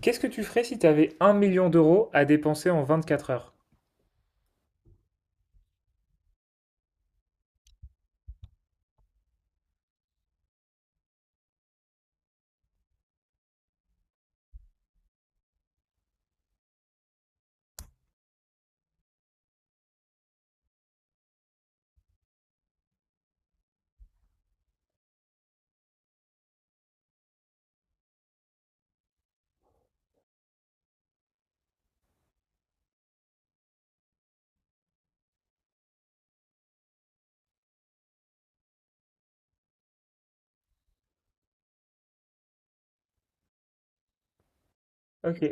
Qu'est-ce que tu ferais si tu avais un million d'euros à dépenser en 24 heures? Ok.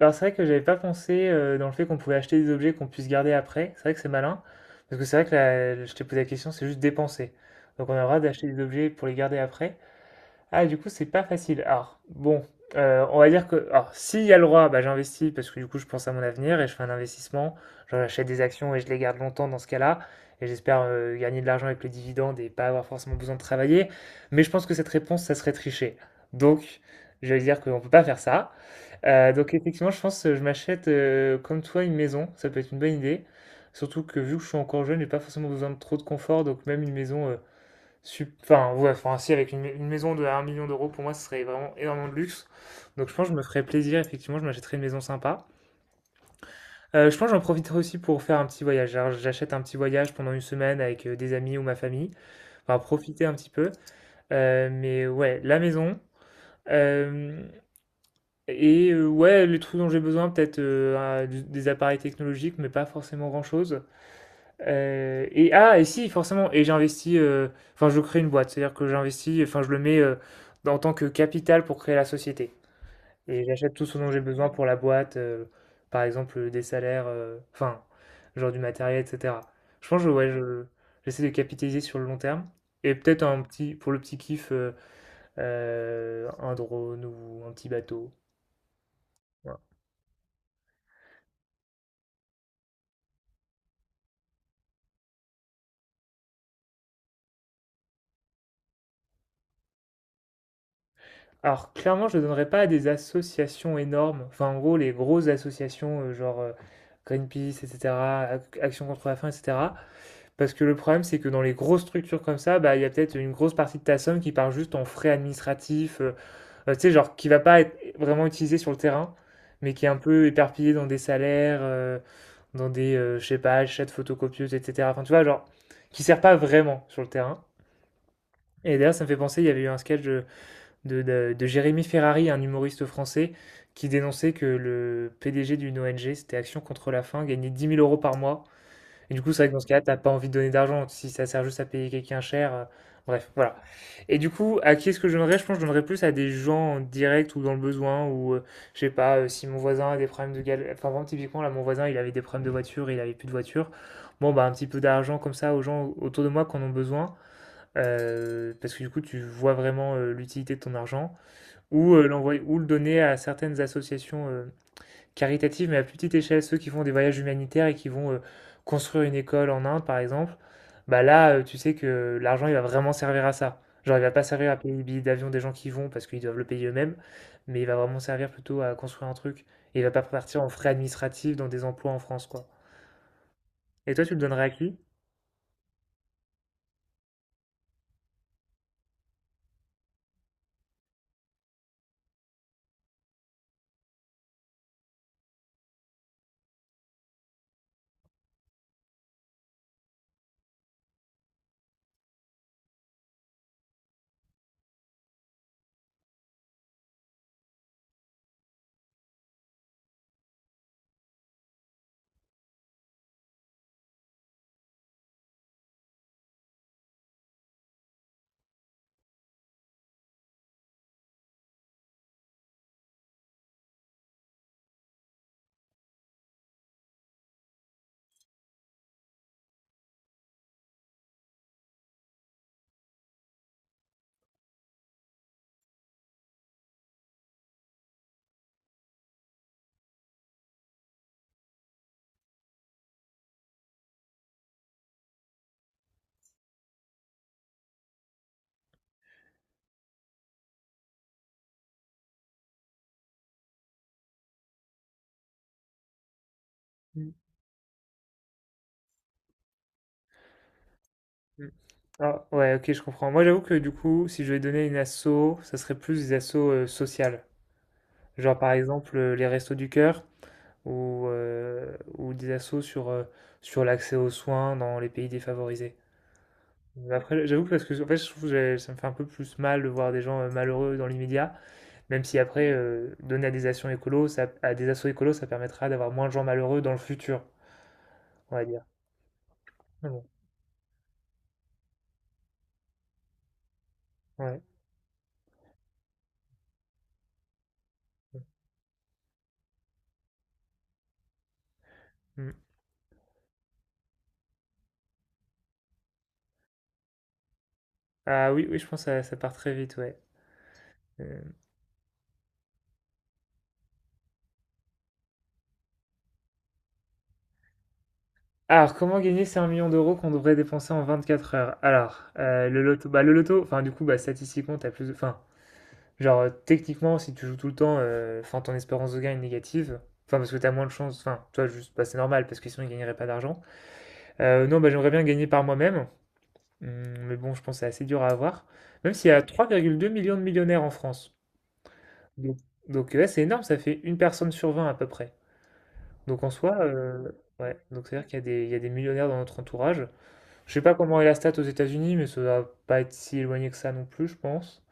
Alors c'est vrai que j'avais pas pensé dans le fait qu'on pouvait acheter des objets qu'on puisse garder après. C'est vrai que c'est malin. Parce que c'est vrai que je t'ai posé la question, c'est juste dépenser. Donc on a le droit d'acheter des objets pour les garder après. Ah, du coup, c'est pas facile. Alors, bon, on va dire que, alors, s'il y a le droit, bah, j'investis parce que du coup, je pense à mon avenir et je fais un investissement. Genre, j'achète des actions et je les garde longtemps dans ce cas-là. Et j'espère gagner de l'argent avec le dividende et pas avoir forcément besoin de travailler. Mais je pense que cette réponse, ça serait tricher. Donc, je vais dire qu'on peut pas faire ça. Donc, effectivement, je pense que je m'achète, comme toi, une maison. Ça peut être une bonne idée. Surtout que vu que je suis encore jeune, j'ai pas forcément besoin de trop de confort. Donc, même une maison. Enfin, ouais, enfin, si, avec une maison de un million d'euros, pour moi, ce serait vraiment énormément de luxe. Donc, je pense que je me ferais plaisir, effectivement, je m'achèterais une maison sympa. Je pense que j'en profiterai aussi pour faire un petit voyage. Alors, j'achète un petit voyage pendant une semaine avec des amis ou ma famille. Enfin, profiter un petit peu. Mais ouais, la maison. Euh, ouais, les trucs dont j'ai besoin, peut-être des appareils technologiques, mais pas forcément grand-chose. Et ah, et si, forcément, et j'investis, enfin, je crée une boîte, c'est-à-dire que j'investis, enfin, je le mets en tant que capital pour créer la société. Et j'achète tout ce dont j'ai besoin pour la boîte, par exemple, des salaires, enfin, genre du matériel, etc. Je pense que ouais, je, j'essaie de capitaliser sur le long terme. Et peut-être un petit, pour le petit kiff, un drone ou un petit bateau. Voilà. Alors clairement, je ne donnerais pas à des associations énormes, enfin en gros les grosses associations Greenpeace, etc., Action contre la faim, etc. Parce que le problème, c'est que dans les grosses structures comme ça, bah, il y a peut-être une grosse partie de ta somme qui part juste en frais administratifs, tu sais, genre qui va pas être vraiment utilisée sur le terrain, mais qui est un peu éparpillée dans des salaires, dans des, je sais pas, achats de photocopieuses, etc. Enfin, tu vois, genre, qui sert pas vraiment sur le terrain. Et d'ailleurs, ça me fait penser, il y avait eu un sketch, de Jérémy Ferrari, un humoriste français, qui dénonçait que le PDG d'une ONG, c'était Action contre la faim, gagnait 10 000 euros par mois. Et du coup, c'est vrai que dans ce cas-là, t'as pas envie de donner d'argent si ça sert juste à payer quelqu'un cher. Bref, voilà. Et du coup, à qui est-ce que je donnerais? Je pense que je donnerais plus à des gens en direct ou dans le besoin, ou je sais pas, si mon voisin a des problèmes de galère. Enfin, vraiment, typiquement, là, mon voisin, il avait des problèmes de voiture, il avait plus de voiture. Bon, bah, un petit peu d'argent comme ça aux gens autour de moi qui en ont besoin. Parce que du coup, tu vois vraiment l'utilité de ton argent ou l'envoyer ou le donner à certaines associations caritatives, mais à plus petite échelle, ceux qui font des voyages humanitaires et qui vont construire une école en Inde, par exemple, bah là, tu sais que l'argent, il va vraiment servir à ça. Genre, il va pas servir à payer les billets d'avion des gens qui vont parce qu'ils doivent le payer eux-mêmes, mais il va vraiment servir plutôt à construire un truc. Et il va pas partir en frais administratifs dans des emplois en France, quoi. Et toi, tu le donnerais à qui? Mm, mm. Ah, ouais, ok, je comprends. Moi, j'avoue que du coup, si je devais donner une asso, ça serait plus des assos sociales. Genre par exemple les Restos du Cœur ou des assos sur, sur l'accès aux soins dans les pays défavorisés. Mais après, j'avoue que parce que en fait, je trouve que ça me fait un peu plus mal de voir des gens malheureux dans l'immédiat, même si après, donner à des actions écolos, ça, à des assos écolos, ça permettra d'avoir moins de gens malheureux dans le futur, on va dire. Mais bon, ouais. Mm. Ah oui, oui, je pense que ça part très vite, ouais. Euh, Alors, comment gagner ces un million d'euros qu'on devrait dépenser en 24 heures? Alors, le loto, bah, le loto, enfin, du coup, bah, statistiquement, t'as plus de, enfin, genre, techniquement, si tu joues tout le temps, enfin, ton espérance de gain est négative. Enfin, parce que t'as moins de chance. Enfin, toi, juste, bah, c'est normal, parce que sinon, ils gagneraient pas d'argent. Non, bah, j'aimerais bien gagner par moi-même. Mais bon, je pense que c'est assez dur à avoir. Même s'il y a 3,2 millions de millionnaires en France. Donc, donc, ouais, c'est énorme, ça fait une personne sur 20 à peu près. Donc, en soi, ouais. Donc, c'est-à-dire qu'il y a des, il y a des millionnaires dans notre entourage. Je sais pas comment est la stat aux États-Unis, mais ça va pas être si éloigné que ça non plus, je pense.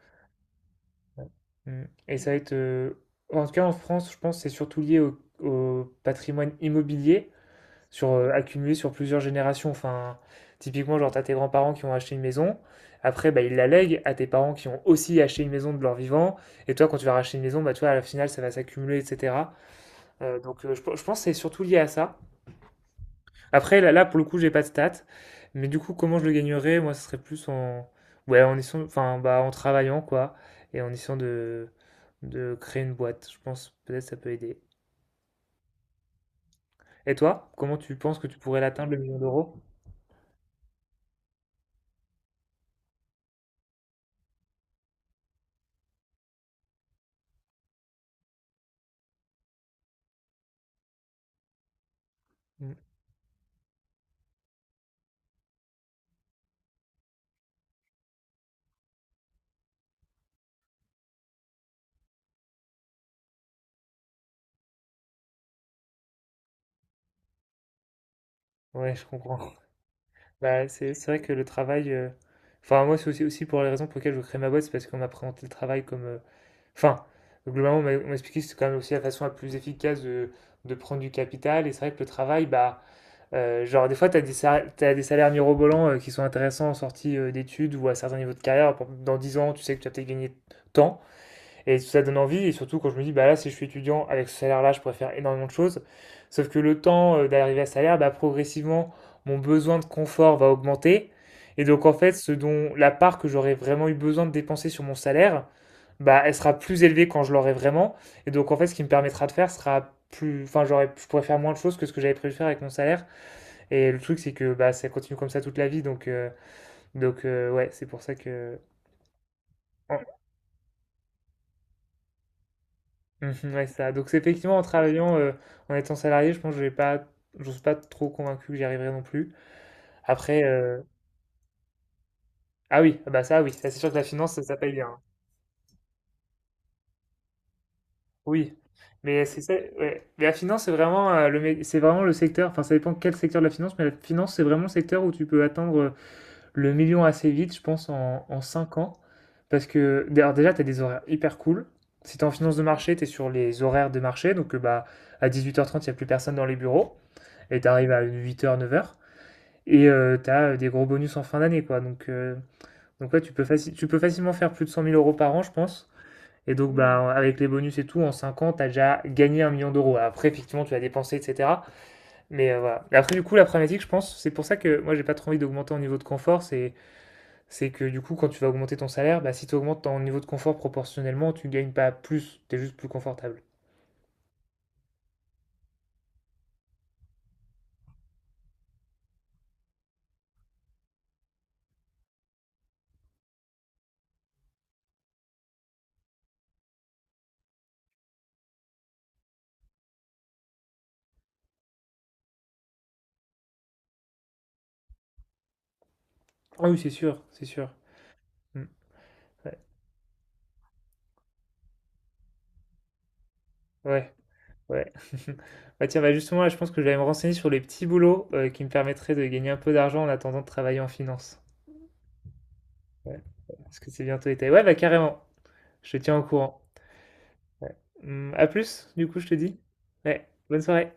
Ouais. Mm. Et ça va être, en tout cas en France, je pense que c'est surtout lié au, au patrimoine immobilier, sur, accumulé sur plusieurs générations. Enfin, typiquement, genre, t'as tes grands-parents qui ont acheté une maison, après, bah, ils la lèguent à tes parents qui ont aussi acheté une maison de leur vivant, et toi, quand tu vas racheter une maison, bah, tu vois, à la finale, ça va s'accumuler, etc. Donc, je pense que c'est surtout lié à ça. Après, là, là, pour le coup, j'ai pas de stats. Mais du coup, comment je le gagnerais? Moi, ce serait plus en, ouais, en essayant, enfin, bah, en travaillant, quoi. Et en essayant de créer une boîte. Je pense, peut-être, ça peut aider. Et toi, comment tu penses que tu pourrais l'atteindre, le million d'euros? Mm. Ouais, je comprends. Bah, c'est vrai que le travail, enfin, moi, c'est aussi, aussi pour les raisons pour lesquelles je crée ma boîte, c'est parce qu'on m'a présenté le travail comme, enfin, globalement, on m'a expliqué que c'est quand même aussi la façon la plus efficace de prendre du capital. Et c'est vrai que le travail, bah, genre, des fois, tu as des salaires mirobolants qui sont intéressants en sortie d'études ou à certains niveaux de carrière. Dans 10 ans, tu sais que tu as peut-être gagné tant. Et ça donne envie, et surtout quand je me dis, bah là, si je suis étudiant, avec ce salaire-là, je pourrais faire énormément de choses. Sauf que le temps d'arriver à ce salaire, bah, progressivement, mon besoin de confort va augmenter. Et donc, en fait, ce dont la part que j'aurais vraiment eu besoin de dépenser sur mon salaire, bah, elle sera plus élevée quand je l'aurai vraiment. Et donc, en fait, ce qui me permettra de faire sera plus. Enfin, j'aurais, je pourrais faire moins de choses que ce que j'avais prévu de faire avec mon salaire. Et le truc, c'est que bah, ça continue comme ça toute la vie. Donc, ouais, c'est pour ça que. En, Mhm, ouais, c'est ça. Donc, c'est effectivement, en travaillant, en étant salarié, je pense que je vais pas, je suis pas trop convaincu que j'y arriverai non plus. Après, ah oui, ah bah ça, oui, ça, c'est sûr que la finance, ça paye bien, hein. Oui, mais c'est ça, ouais. Mais la finance, c'est vraiment, c'est vraiment le secteur, enfin, ça dépend quel secteur de la finance, mais la finance, c'est vraiment le secteur où tu peux atteindre le million assez vite, je pense, en 5 ans. Parce que, d'ailleurs, déjà, tu as des horaires hyper cool. Si tu en finance de marché, tu es sur les horaires de marché, donc bah, à 18h30, il n'y a plus personne dans les bureaux. Et t'arrives à huit heures neuf heures. Et t'as des gros bonus en fin d'année, quoi. Donc, ouais, tu peux, tu peux facilement faire plus de 100 000 euros par an, je pense. Et donc, bah, avec les bonus et tout, en 5 ans, t'as déjà gagné un million d'euros. Après, effectivement, tu as dépensé, etc. Mais voilà. Et après, du coup, la problématique, je pense, c'est pour ça que moi, j'ai pas trop envie d'augmenter en niveau de confort. C'est que du coup, quand tu vas augmenter ton salaire, bah, si tu augmentes ton niveau de confort proportionnellement, tu gagnes pas plus. T'es juste plus confortable. Ah oui, c'est sûr, c'est sûr. Mm. Ouais. Ouais. Ouais. Bah tiens, bah justement, là, je pense que je vais aller me renseigner sur les petits boulots qui me permettraient de gagner un peu d'argent en attendant de travailler en finance. Ouais. Ouais, parce que c'est bientôt été. Ouais, bah carrément. Je te tiens au courant. Ouais. À plus, du coup, je te dis. Ouais. Bonne soirée.